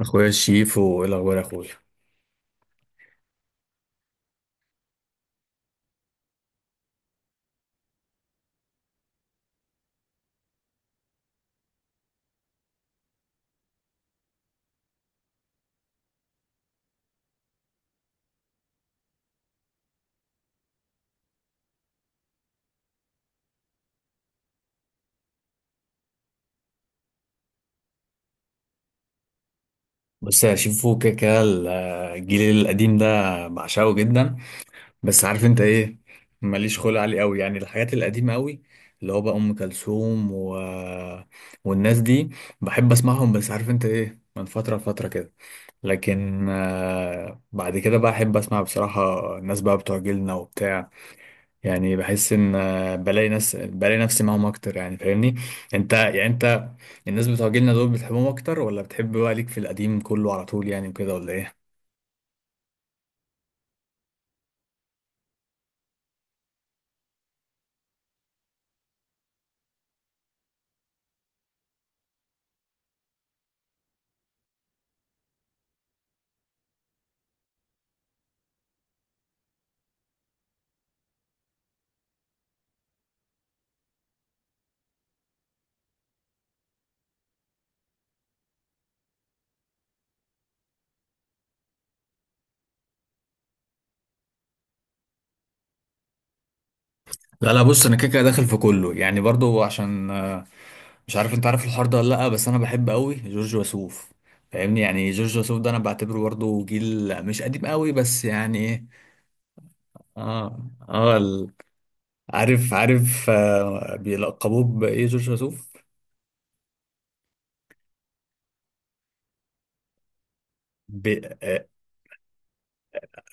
اخويا شيفو، ايه الاخبار يا اخويا؟ بص يا شيفو، كده كده الجيل القديم ده بعشقه جدا. بس عارف انت ايه؟ ماليش خلق عليه قوي، يعني الحاجات القديمه قوي، اللي هو بقى ام كلثوم والناس دي. بحب اسمعهم، بس عارف انت ايه، من فتره لفتره كده. لكن بعد كده بقى احب اسمع بصراحه الناس بقى بتوع جيلنا وبتاع. يعني بحس ان بلاقي ناس، بلاقي نفسي معاهم اكتر، يعني فاهمني؟ انت، يعني انت، الناس بتوع جيلنا دول بتحبهم اكتر، ولا بتحب بقى ليك في القديم كله على طول يعني وكده، ولا ايه؟ لا لا، بص انا كده كده داخل في كله يعني، برضو عشان مش عارف انت عارف الحوار ده ولا لا. بس انا بحب قوي جورج وسوف، فاهمني؟ يعني جورج وسوف ده انا بعتبره برضو جيل مش قديم قوي، بس يعني ايه. اه اه، عارف عارف، آه بيلقبوه بايه جورج وسوف؟ ب... آه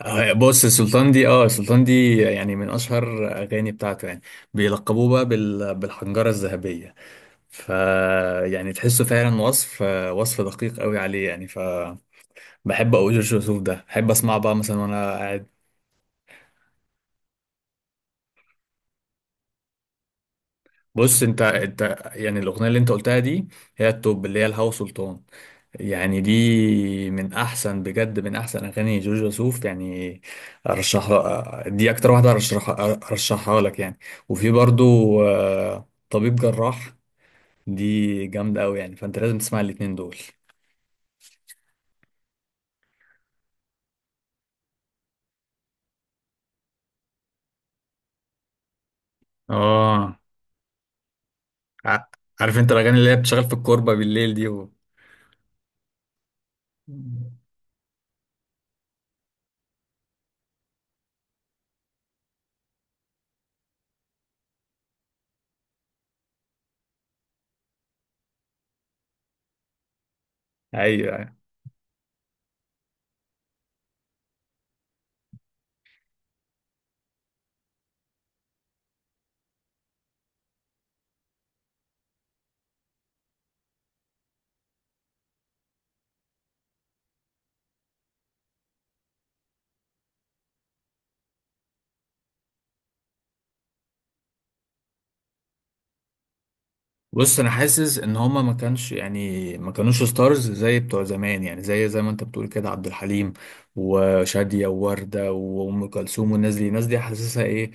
آه، بص السلطان دي، السلطان دي، يعني من اشهر اغاني بتاعته يعني. بيلقبوه بقى بالحنجرة الذهبية، ف يعني تحسه فعلا وصف دقيق قوي عليه يعني، بحب قوي جورج وسوف ده، بحب اسمعه بقى مثلا وانا قاعد. بص انت، يعني الاغنيه اللي انت قلتها دي، هي التوب، اللي هي الهوا سلطان. يعني دي من احسن بجد، من احسن اغاني جورج وسوف يعني. ارشحها دي اكتر واحده، ارشحها لك يعني. وفي برضو طبيب جراح، دي جامده قوي يعني، فانت لازم تسمع الاتنين دول. اه. ع- عارف انت الاغاني اللي هي بتشغل في الكوربه بالليل دي ايوه ايوه، بص انا حاسس ان هما ما كانش، يعني ما كانوش ستارز زي بتوع زمان، يعني زي ما انت بتقول كده، عبد الحليم وشادية ووردة وام كلثوم والناس دي. الناس دي حاسسها ايه،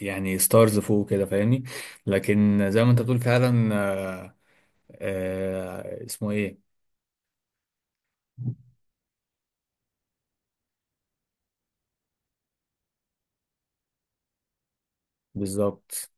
يعني ستارز فوق كده، فاهمني؟ لكن زي ما انت بتقول فعلا، اسمه ايه. بالظبط.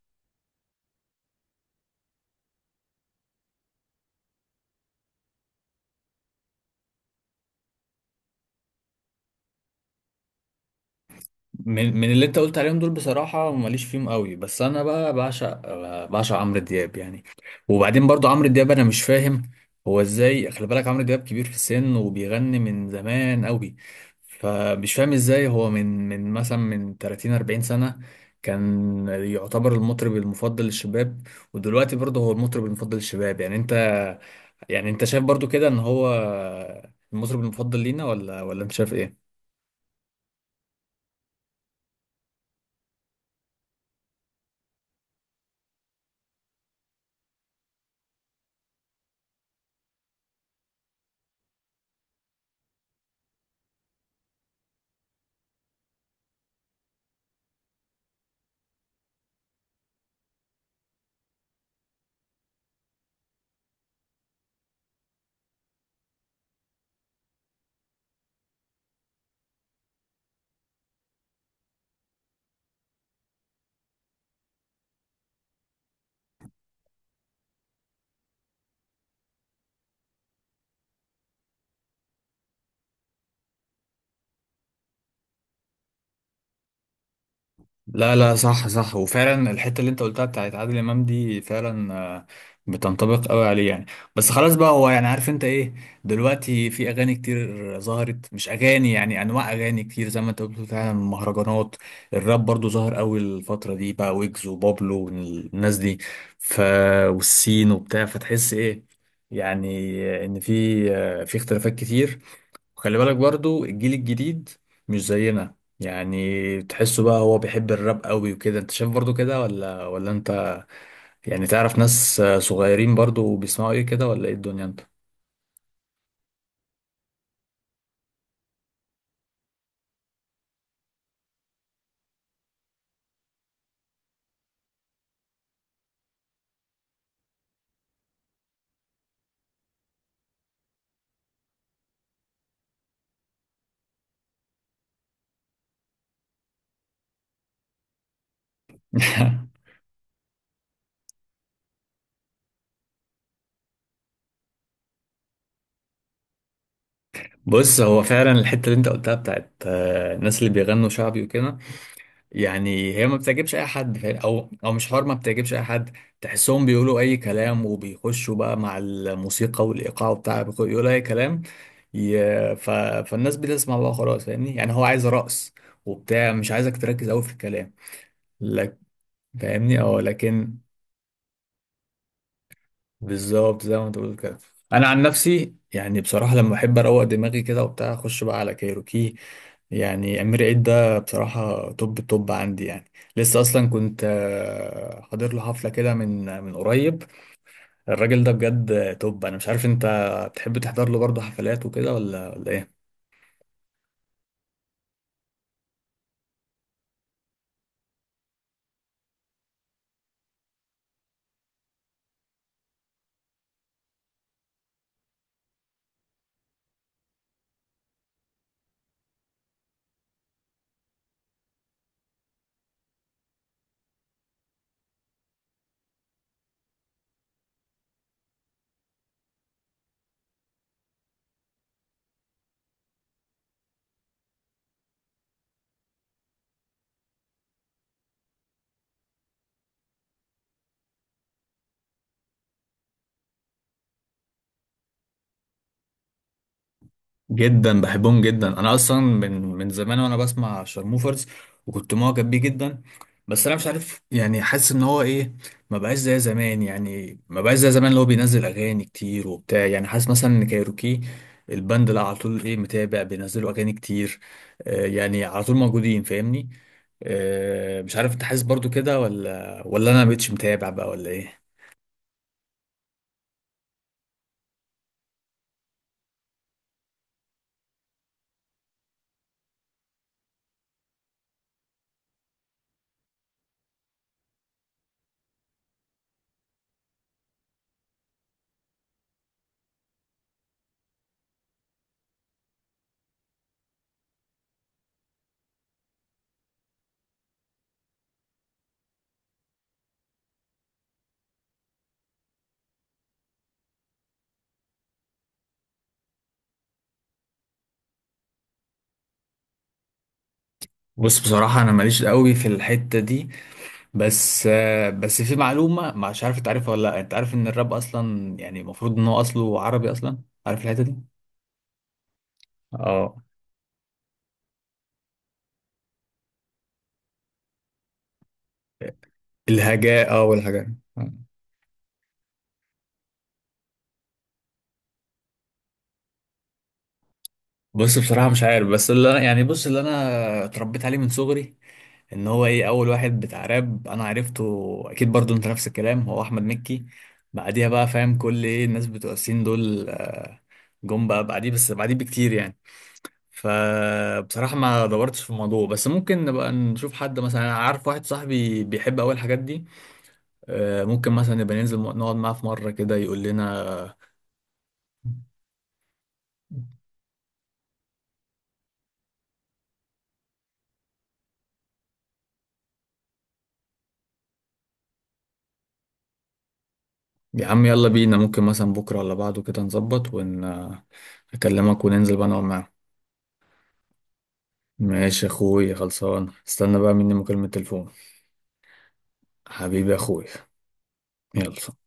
من اللي انت قلت عليهم دول، بصراحة ماليش فيهم قوي، بس انا بقى بعشق عمرو دياب يعني. وبعدين برضو عمرو دياب انا مش فاهم هو ازاي. خلي بالك عمرو دياب كبير في السن وبيغني من زمان قوي. فمش فاهم ازاي هو من مثلا من 30 40 سنة كان يعتبر المطرب المفضل للشباب، ودلوقتي برضه هو المطرب المفضل للشباب. يعني انت، يعني انت شايف برضو كده ان هو المطرب المفضل لينا، ولا انت شايف إيه؟ لا لا، صح صح، وفعلا الحته اللي انت قلتها بتاعت عادل امام دي فعلا بتنطبق قوي عليه يعني. بس خلاص بقى، هو يعني عارف انت ايه؟ دلوقتي في اغاني كتير ظهرت، مش اغاني يعني، انواع اغاني كتير زي ما انت قلت فعلا، مهرجانات. الراب برضو ظهر قوي الفتره دي بقى، ويجز وبابلو والناس دي، ف والسين وبتاع. فتحس ايه يعني، ان في في اختلافات كتير. وخلي بالك برضو الجيل الجديد مش زينا. يعني تحسه بقى هو بيحب الراب قوي وكده، انت شايف برضو كده ولا انت، يعني تعرف ناس صغيرين برضو بيسمعوا ايه كده ولا ايه الدنيا، انت؟ بص هو فعلا الحتة اللي انت قلتها بتاعت الناس اللي بيغنوا شعبي وكده، يعني هي ما بتعجبش اي حد، او مش حوار ما بتعجبش اي حد. تحسهم بيقولوا اي كلام وبيخشوا بقى مع الموسيقى والايقاع بتاع، يقولوا اي كلام. ي- ف... فالناس بتسمع بقى خلاص، فاهمني؟ يعني هو عايز رقص وبتاع، مش عايزك تركز قوي في الكلام. لك، فاهمني؟ اه، لكن. بالظبط زي ما انت بتقول كده. انا عن نفسي يعني، بصراحه لما بحب اروق دماغي كده وبتاع، اخش بقى على كايروكي. يعني امير عيد ده بصراحه توب التوب عندي يعني. لسه اصلا كنت حاضر له حفله كده من قريب. الراجل ده بجد توب. انا مش عارف انت بتحب تحضر له برضه حفلات وكده ولا ايه؟ جدا، بحبهم جدا. انا اصلا من زمان وانا بسمع شارموفرز وكنت معجب بيه جدا. بس انا مش عارف، يعني حاسس ان هو ايه، ما بقاش زي زمان، يعني ما بقاش زي زمان اللي هو بينزل اغاني كتير وبتاع. يعني حاسس مثلا ان كايروكي الباند اللي على طول ايه، متابع بينزلوا اغاني كتير. يعني على طول موجودين، فاهمني؟ مش عارف انت حاسس برضو كده، ولا انا مبقتش متابع بقى ولا ايه؟ بص بصراحة، أنا ماليش قوي في الحتة دي. بس في معلومة مش عارف انت عارفها ولا لا. انت عارف ان الراب اصلا يعني المفروض ان هو اصله عربي اصلا؟ عارف الحتة دي؟ اه الهجاء. اه، والهجاء. آه. بص بصراحة مش عارف، بس يعني بص اللي انا اتربيت عليه من صغري، ان هو ايه اول واحد بتاع راب انا عرفته، اكيد برضو انت نفس الكلام، هو احمد مكي. بعديها بقى فاهم كل ايه الناس بتوع السين دول جم بقى بعديه، بس بعديه بكتير يعني. فبصراحة ما دورتش في الموضوع، بس ممكن نبقى نشوف حد مثلا، أنا عارف واحد صاحبي بيحب أوي الحاجات دي. ممكن مثلا نبقى ننزل نقعد معاه في مرة كده، يقول لنا. يا عم يلا بينا، ممكن مثلا بكرة ولا بعده كده نظبط أكلمك وننزل بقى نقعد معاه. ماشي يا أخوي، خلصان. استنى بقى مني مكالمة تليفون. حبيبي يا أخوي. يلا.